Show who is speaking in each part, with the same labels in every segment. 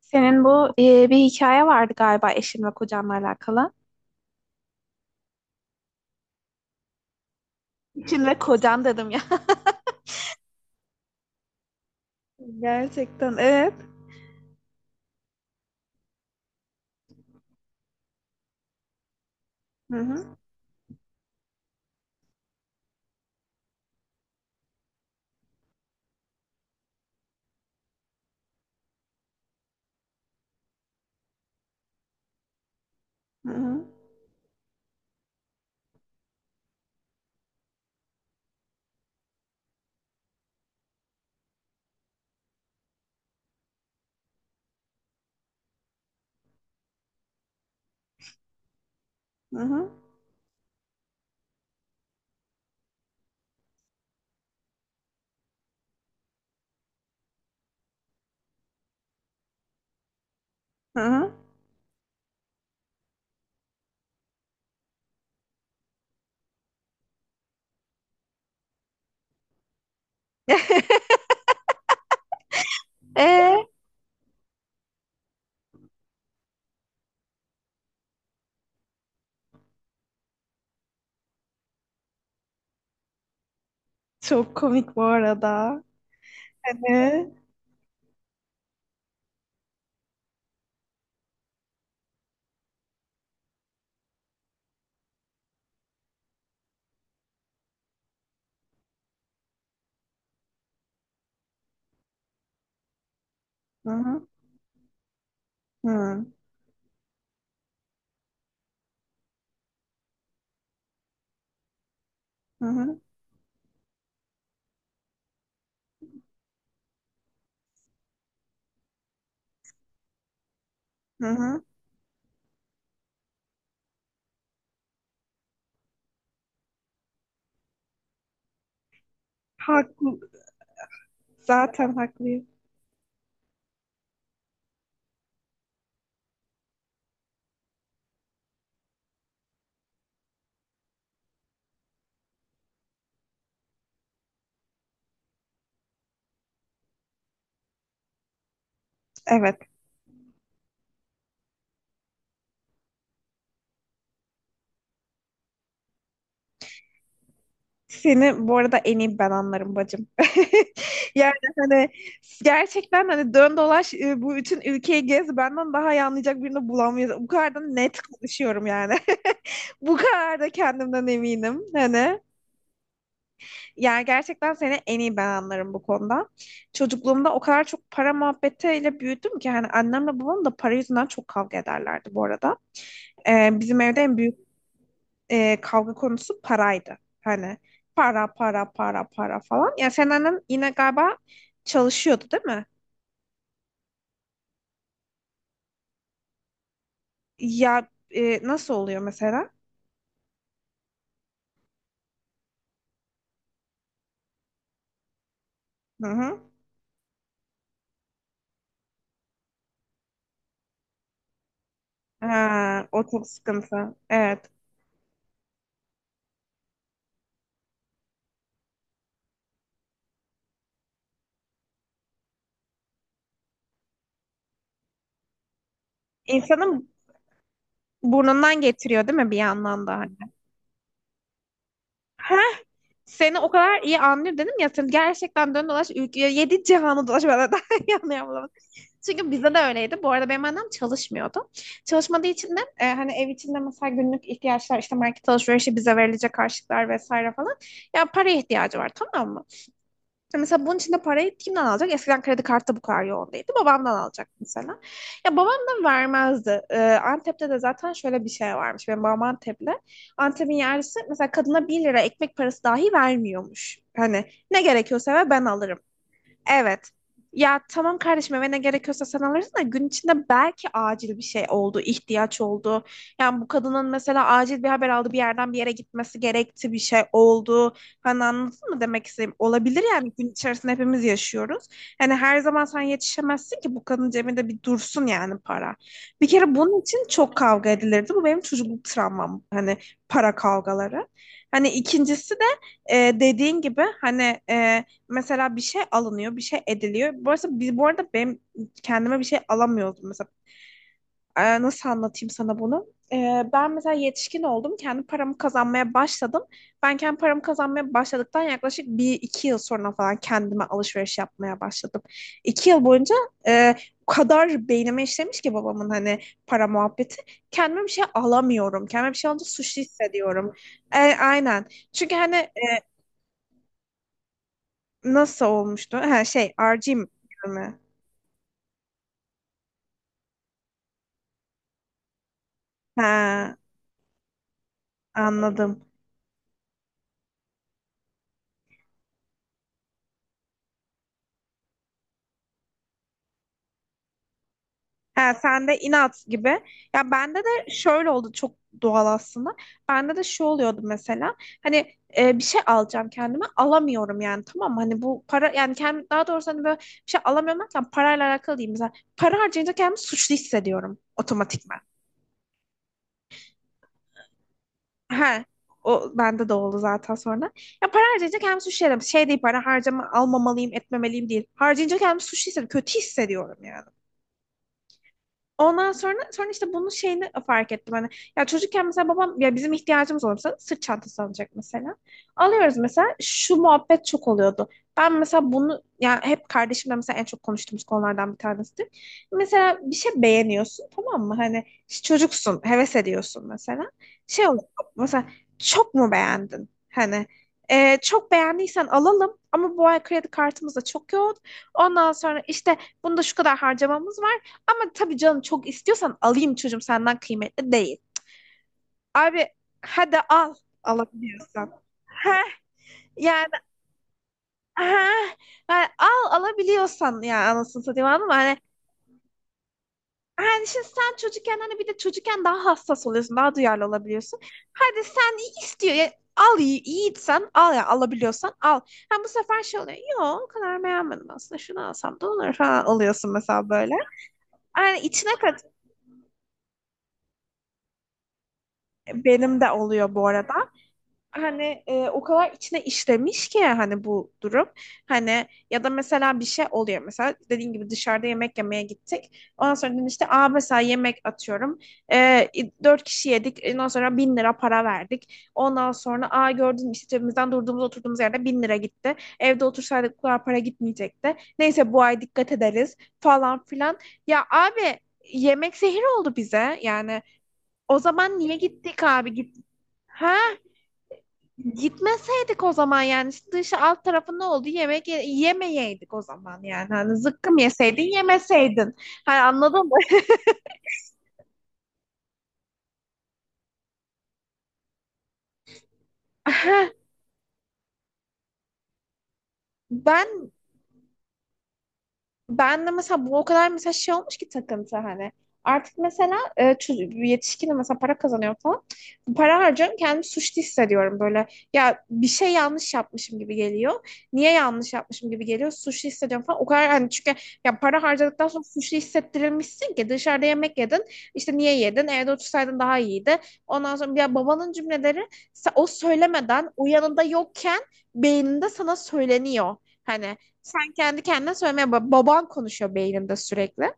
Speaker 1: Senin bu bir hikaye vardı galiba eşin ve kocanla alakalı. Eşin ve kocan dedim ya. Gerçekten evet. Hı hı. Hı hı. Hı hı. Hı hı. Ee, Çok komik bu arada. Ee, Hı hı. Hı hı. Hı hı. Haklı. Zaten haklıyım. Evet. Seni bu arada en iyi ben anlarım bacım. Yani hani gerçekten hani dön dolaş bu bütün ülkeyi gez benden daha iyi anlayacak birini bulamıyoruz. Bu kadar da net konuşuyorum yani. Bu kadar da kendimden eminim. Hani yani gerçekten seni en iyi ben anlarım bu konuda. Çocukluğumda o kadar çok para muhabbetiyle büyüdüm ki hani annemle babam da para yüzünden çok kavga ederlerdi bu arada. Bizim evde en büyük kavga konusu paraydı. Hani para para para para falan. Ya sen annen yine galiba çalışıyordu değil mi? Ya nasıl oluyor mesela? Hı hı. Ha, o çok sıkıntı. Evet. İnsanın burnundan getiriyor değil mi bir yandan da hani? Ha, seni o kadar iyi anlıyorum dedim ya sen gerçekten dön dolaş ülkeye yedi cihanı dolaş bana daha iyi anlayamadım. Çünkü bizde de öyleydi. Bu arada benim annem çalışmıyordu. Çalışmadığı için de hani ev içinde mesela günlük ihtiyaçlar işte market alışverişi bize verilecek harçlıklar vesaire falan. Ya para ihtiyacı var tamam mı? Ya mesela bunun için de parayı kimden alacak? Eskiden kredi kartı bu kadar yoğun değildi. Babamdan alacak mesela. Ya babam da vermezdi. Antep'te de zaten şöyle bir şey varmış. Benim babam Antep'li. Antep'in yerlisi mesela kadına bir lira ekmek parası dahi vermiyormuş. Hani ne gerekiyorsa ve ben alırım. Evet. Ya tamam kardeşim eve ne gerekiyorsa sen alırsın da gün içinde belki acil bir şey oldu, ihtiyaç oldu. Yani bu kadının mesela acil bir haber aldı, bir yerden bir yere gitmesi gerekti, bir şey oldu. Hani anladın mı demek istediğim? Olabilir yani gün içerisinde hepimiz yaşıyoruz. Hani her zaman sen yetişemezsin ki bu kadın cebinde bir dursun yani para. Bir kere bunun için çok kavga edilirdi. Bu benim çocukluk travmam. Hani para kavgaları. Hani ikincisi de dediğin gibi hani mesela bir şey alınıyor, bir şey ediliyor. Bu arada, biz, bu arada benim kendime bir şey alamıyordum mesela. Nasıl anlatayım sana bunu? Ben mesela yetişkin oldum. Kendi paramı kazanmaya başladım. Ben kendi paramı kazanmaya başladıktan yaklaşık bir iki yıl sonra falan kendime alışveriş yapmaya başladım. 2 yıl boyunca e, o kadar beynime işlemiş ki babamın hani para muhabbeti. Kendime bir şey alamıyorum. Kendime bir şey alınca suçlu hissediyorum. Aynen. Çünkü hani nasıl olmuştu? Ha, şey, RG mi? Ha, anladım. Ha, sen de inat gibi. Ya bende de şöyle oldu çok doğal aslında. Bende de şu oluyordu mesela. Hani bir şey alacağım kendime alamıyorum yani tamam mı? Hani bu para yani kendim daha doğrusu hani böyle bir şey alamıyorum derken parayla alakalı değil. Mesela para harcayınca kendimi suçlu hissediyorum otomatikman. Ha, o bende de oldu zaten sonra. Ya para harcayınca kendimi suçlu hissediyorum. Şey değil para harcama almamalıyım etmemeliyim değil. Harcayınca kendimi suçlu hissediyorum. Kötü hissediyorum. Ondan sonra işte bunun şeyini fark ettim hani ya çocukken mesela babam ya bizim ihtiyacımız olursa sırt çantası alacak mesela. Alıyoruz mesela şu muhabbet çok oluyordu. Ben mesela bunu ya hep kardeşimle mesela en çok konuştuğumuz konulardan bir tanesidir. Mesela bir şey beğeniyorsun tamam mı? Hani işte çocuksun, heves ediyorsun mesela. Şey oluyor mesela çok mu beğendin? Hani çok beğendiysen alalım ama bu ay kredi kartımız da çok yoğun. Ondan sonra işte bunda şu kadar harcamamız var. Ama tabii canım çok istiyorsan alayım çocuğum senden kıymetli değil. Abi hadi al alabiliyorsan. Heh, yani heh, yani al alabiliyorsan ya anasını satayım anladın mı? Hani, hani şimdi sen çocukken hani bir de çocukken daha hassas oluyorsun daha duyarlı olabiliyorsun. Hadi sen iyi istiyor ya, al yiğitsen al ya alabiliyorsan al. Ha bu sefer şey oluyor. Yok o kadar beğenmedim aslında şunu alsam da olur falan alıyorsun mesela böyle. Yani içine kat benim de oluyor bu arada. Hani o kadar içine işlemiş ki hani bu durum. Hani ya da mesela bir şey oluyor mesela dediğin gibi dışarıda yemek yemeye gittik. Ondan sonra dedim işte aa mesela yemek atıyorum. E, Dört kişi yedik. Ondan sonra 1.000 lira para verdik. Ondan sonra aa gördün mü işte cebimizden durduğumuz oturduğumuz yerde 1.000 lira gitti. Evde otursaydık bu kadar para gitmeyecekti. Neyse bu ay dikkat ederiz falan filan. Ya abi yemek zehir oldu bize. Yani o zaman niye gittik abi? Git. Ha, gitmeseydik o zaman yani işte dışı alt tarafı ne oldu? Yemek yemeyeydik o zaman yani. Hani zıkkım yeseydin yemeseydin. Hani anladın mı? Ben Ben de mesela bu o kadar mesela şey olmuş ki takıntı hani. Artık mesela yetişkinim mesela para kazanıyorum falan. Para harcıyorum kendimi suçlu hissediyorum böyle. Ya bir şey yanlış yapmışım gibi geliyor. Niye yanlış yapmışım gibi geliyor. Suçlu hissediyorum falan. O kadar hani çünkü ya para harcadıktan sonra suçlu hissettirilmişsin ki dışarıda yemek yedin. İşte niye yedin? Evde otursaydın daha iyiydi. Ondan sonra ya babanın cümleleri o söylemeden o yanında yokken beyninde sana söyleniyor. Hani sen kendi kendine söylemeye bak. Baban konuşuyor beyninde sürekli.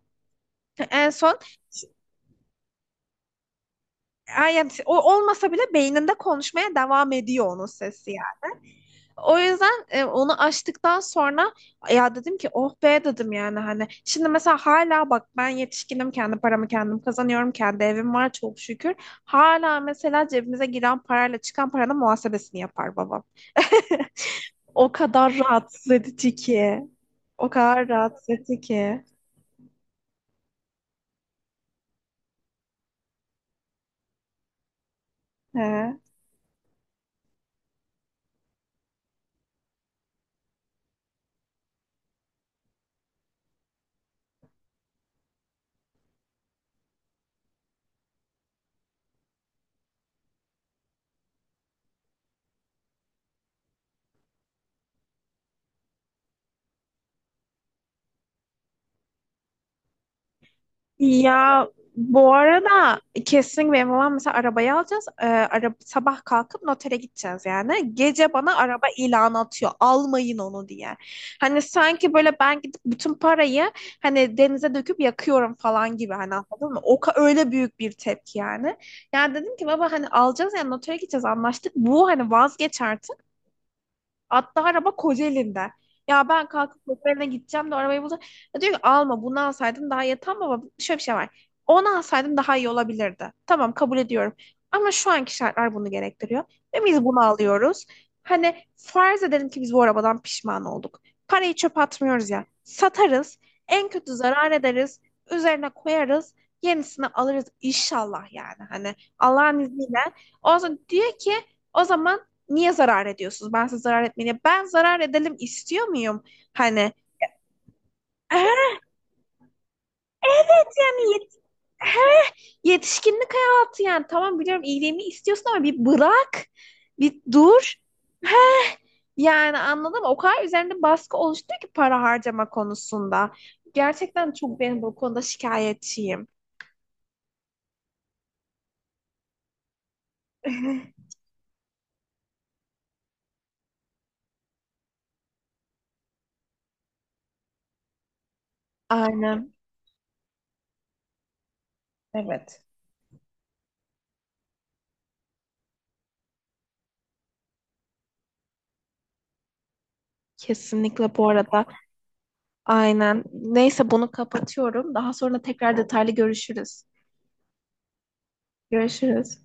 Speaker 1: En son ay yani o olmasa bile beyninde konuşmaya devam ediyor onun sesi yani. O yüzden onu açtıktan sonra ya dedim ki oh be dedim yani hani. Şimdi mesela hala bak ben yetişkinim kendi paramı kendim kazanıyorum. Kendi evim var çok şükür. Hala mesela cebimize giren parayla çıkan paranın muhasebesini yapar babam. O kadar rahatsız edici. O kadar ki. He. Ya bu arada kesin benim babam mesela arabayı alacağız. Araba, sabah kalkıp notere gideceğiz yani. Gece bana araba ilanı atıyor. Almayın onu diye. Hani sanki böyle ben gidip bütün parayı hani denize döküp yakıyorum falan gibi hani anladın mı? Öyle büyük bir tepki yani. Yani dedim ki baba hani alacağız yani notere gideceğiz anlaştık. Bu hani vazgeç artık. Hatta araba Kocaeli'nden. Ya ben kalkıp Kocaeli'ne gideceğim de arabayı bulacağım. Ya diyor ki alma bunu alsaydın daha iyi. Tamam baba şöyle bir şey var. Onu alsaydın daha iyi olabilirdi. Tamam kabul ediyorum. Ama şu anki şartlar bunu gerektiriyor. Ve biz bunu alıyoruz. Hani farz edelim ki biz bu arabadan pişman olduk. Parayı çöpe atmıyoruz ya. Satarız. En kötü zarar ederiz. Üzerine koyarız. Yenisini alırız inşallah yani. Hani Allah'ın izniyle. O zaman diyor ki o zaman niye zarar ediyorsunuz? Ben size zarar etmeyeyim. Ben zarar edelim istiyor muyum? Hani eğer yani yetişkinlik hayatı yani tamam biliyorum iyiliğimi istiyorsun ama bir bırak, bir dur. Yani anladın mı? O kadar üzerinde baskı oluştu ki para harcama konusunda. Gerçekten çok benim bu konuda şikayetçiyim. Aynen. Evet. Kesinlikle bu arada. Aynen. Neyse bunu kapatıyorum. Daha sonra tekrar detaylı görüşürüz. Görüşürüz.